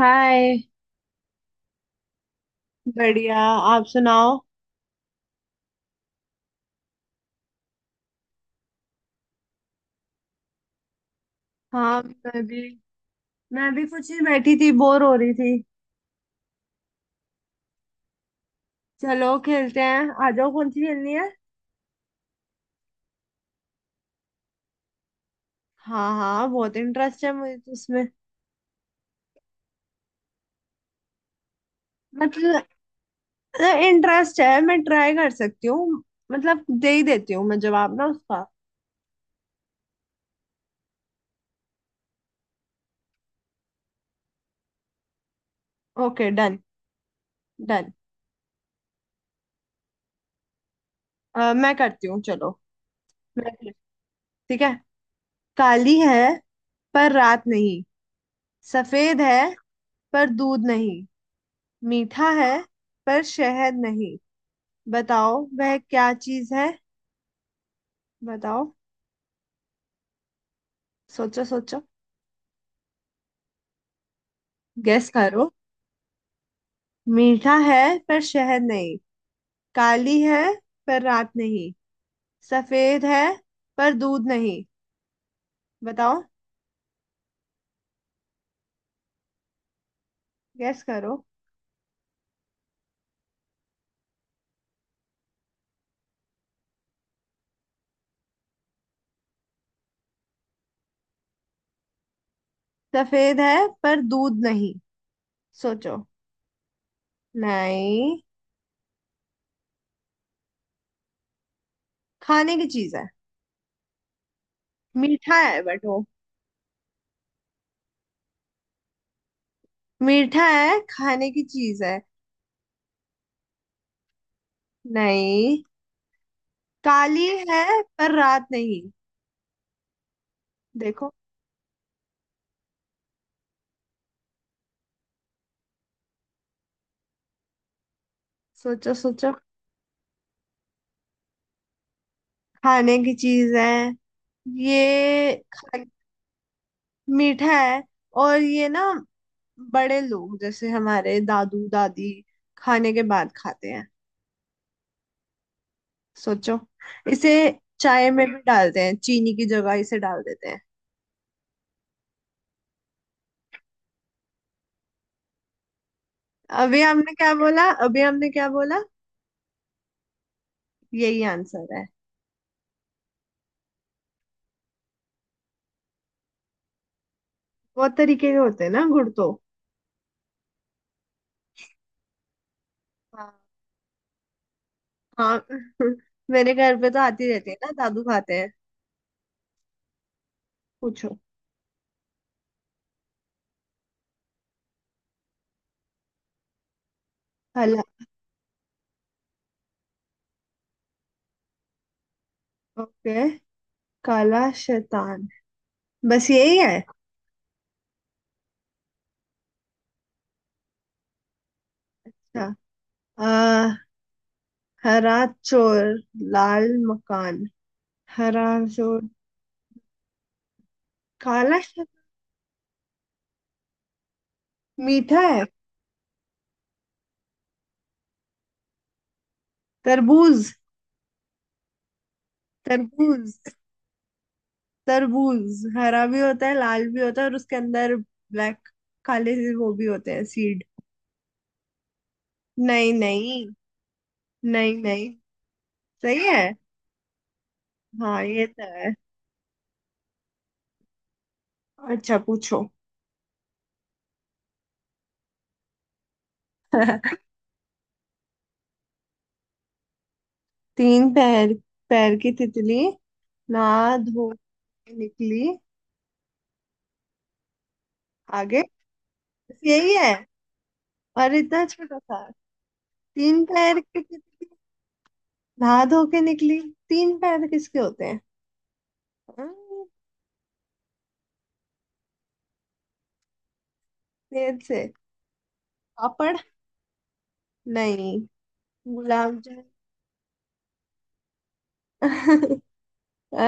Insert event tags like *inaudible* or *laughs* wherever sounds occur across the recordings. हाय। बढ़िया, आप सुनाओ। हाँ, मैं भी कुछ ही बैठी थी, बोर हो रही थी। चलो, खेलते हैं, आ जाओ, कौन सी खेलनी है? हाँ, हाँ, बहुत इंटरेस्ट है मुझे तो उसमें। मतलब, इंटरेस्ट है, मैं ट्राई कर सकती हूँ। मतलब, दे ही देती हूँ मैं जवाब ना उसका। ओके। डन। डन। मैं करती हूँ, चलो। मैं खेल- ठीक है। काली है पर रात नहीं। सफेद है पर दूध नहीं। मीठा है पर शहद नहीं। बताओ, वह क्या चीज है? बताओ। सोचो, सोचो। गेस करो। मीठा है पर शहद नहीं। काली है पर रात नहीं। सफेद है पर दूध नहीं। बताओ। गेस करो। सफेद है पर दूध नहीं। सोचो। नहीं। खाने की चीज है। मीठा है, बट वो। मीठा है, खाने की चीज है। नहीं। काली है पर रात नहीं। देखो। सोचो, सोचो। खाने की चीज है। ये खा- मीठा है। और ये ना, बड़े लोग जैसे हमारे दादू दादी खाने के बाद खाते हैं। सोचो। इसे चाय में भी डालते हैं, चीनी की जगह इसे डाल देते हैं। अभी हमने क्या बोला? अभी हमने क्या बोला? यही आंसर है। बहुत तरीके के होते हैं ना गुड़ तो। हाँ। हाँ। मेरे घर पे तो आती रहती है ना, दादू खाते हैं। पूछो। काला। ओके। काला शैतान। बस यही है। अच्छा। आ, हरा चोर, लाल मकान। हरा चोर। काला शक्कर। मीठा है। तरबूज। तरबूज। तरबूज हरा भी होता है, लाल भी होता है, और उसके अंदर ब्लैक, काले से वो भी होते हैं, सीड। नहीं, नहीं। नहीं, नहीं। सही है। हाँ, ये तो है। अच्छा, पूछो। *laughs* तीन पैर। पैर की तितली। ना। धो के निकली। आगे? बस यही है? और इतना छोटा सा? तीन पैर की नहा धो के निकली। तीन पैर किसके होते हैं? हम्म, पेड़ से। पापड़। नहीं। गुलाब जामुन। *laughs* अ,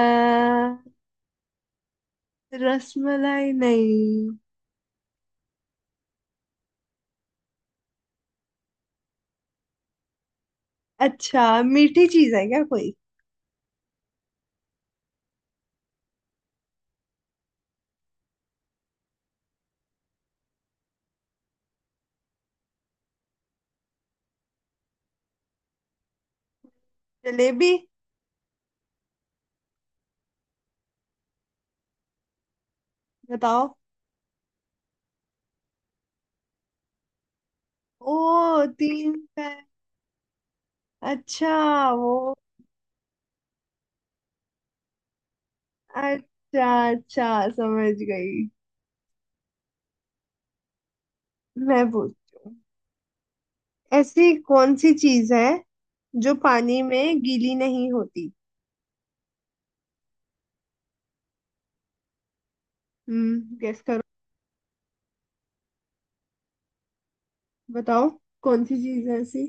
रसमलाई नहीं? अच्छा, मीठी चीज है क्या कोई? जलेबी। बताओ। ओ, तीन पैर। अच्छा। वो। अच्छा, अच्छा, समझ गई। मैं पूछती हूँ। ऐसी कौन सी चीज है जो पानी में गीली नहीं होती? गेस। बताओ, कौन सी चीज है ऐसी?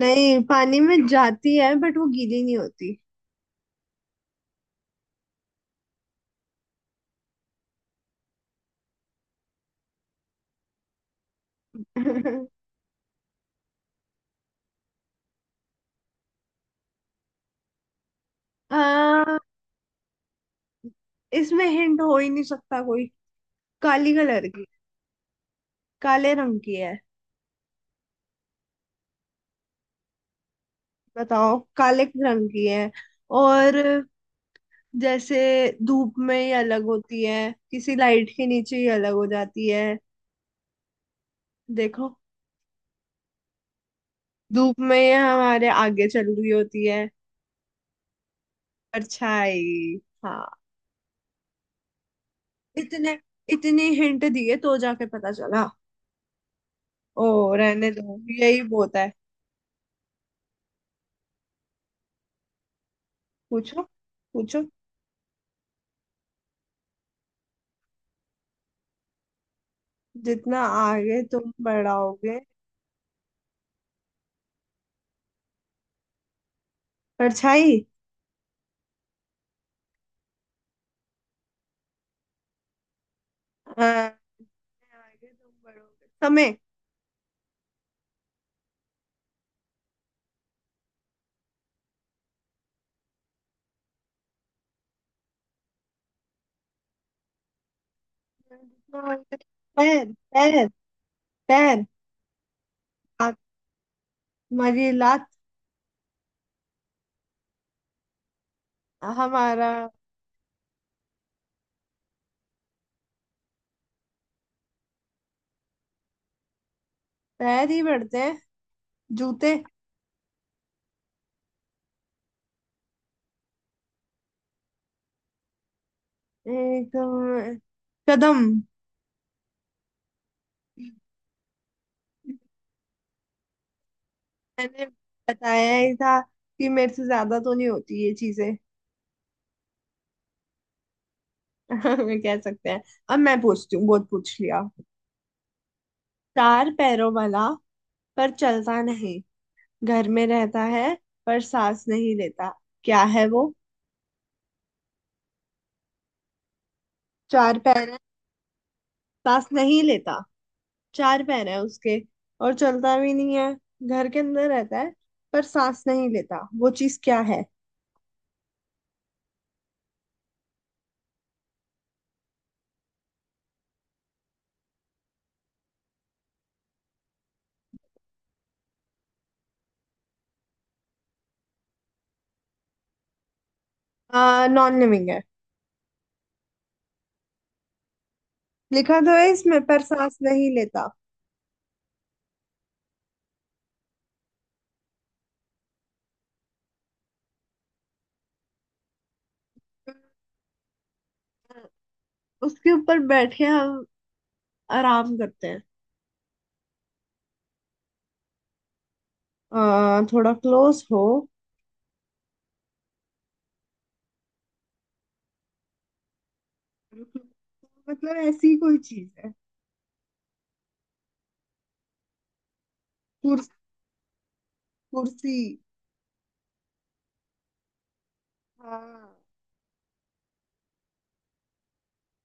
नहीं, पानी में जाती है बट वो गीली नहीं होती। *laughs* आ, इसमें हिंट हो ही नहीं सकता कोई। काली कलर की। काले रंग की है। बताओ, काले रंग की है। और, जैसे, धूप में ही अलग होती है, किसी लाइट के नीचे ही अलग हो जाती है। देखो, धूप में ही हमारे आगे चल रही होती है। परछाई। हाँ। इतने, इतने हिंट दिए तो जाके पता चला। ओ, रहने दो, यही बहुत है। पूछो, पूछो। जितना आगे तुम बढ़ाओगे? परछाई। अ, आगे तुम बढ़ोगे, समय? जितना आगे- पैर। पैर। पैर। हाथ। हमारी लात। हमारा पैर ही बढ़ते हैं। जूते। एक, कदम। मैंने बताया ही था कि मेरे से ज्यादा तो नहीं होती ये चीजें। *laughs* कह सकते हैं। अब मैं पूछती हूँ, बहुत पूछ लिया। चार पैरों वाला पर चलता नहीं। घर में रहता है पर सांस नहीं लेता। क्या है वो? चार पैर है। सांस नहीं लेता। चार पैर है उसके, और चलता भी नहीं है। घर के अंदर रहता है, पर सांस नहीं लेता। वो चीज क्या है? नॉन लिविंग है। लिखा तो है इसमें, पर सांस नहीं लेता। उसके ऊपर बैठ के हम आराम करते हैं। थोड़ा क्लोज हो। मतलब, ऐसी ही कोई चीज है। कुर्स, कुर्सी। हाँ।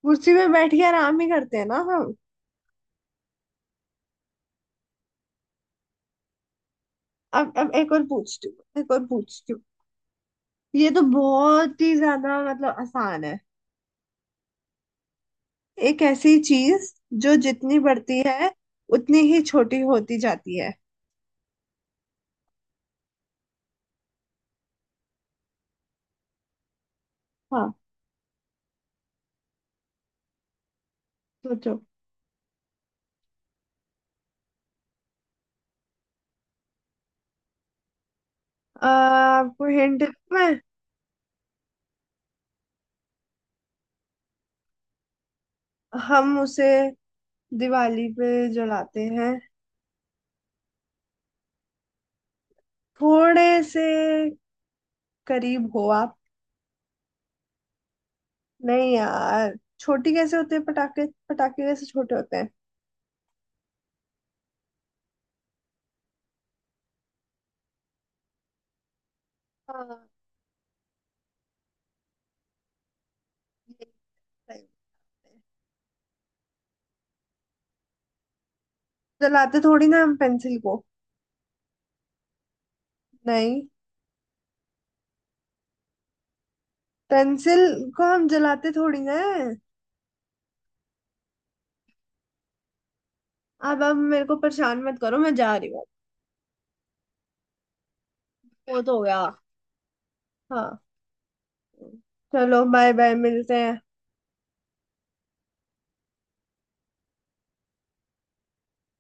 कुर्सी पे बैठ के आराम ही करते हैं ना हम। अब एक और पूछती हूँ, एक और पूछती हूँ। ये तो बहुत ही ज्यादा, मतलब, आसान है। एक ऐसी चीज जो जितनी बढ़ती है उतनी ही छोटी होती जाती है। हाँ। सोचो। आपको हिंट में, हम उसे दिवाली पे जलाते हैं। थोड़े से करीब हो आप। नहीं यार। छोटी कैसे होते हैं पटाखे? पटाखे कैसे छोटे होते हैं? हाँ। ये सही होते हैं। जलाते थोड़ी ना हम पेंसिल को। नहीं। पेंसिल को हम जलाते थोड़ी ना है। अब मेरे को परेशान मत करो, मैं जा रही हूँ। वो तो हो गया। हाँ। चलो, बाय बाय, मिलते हैं।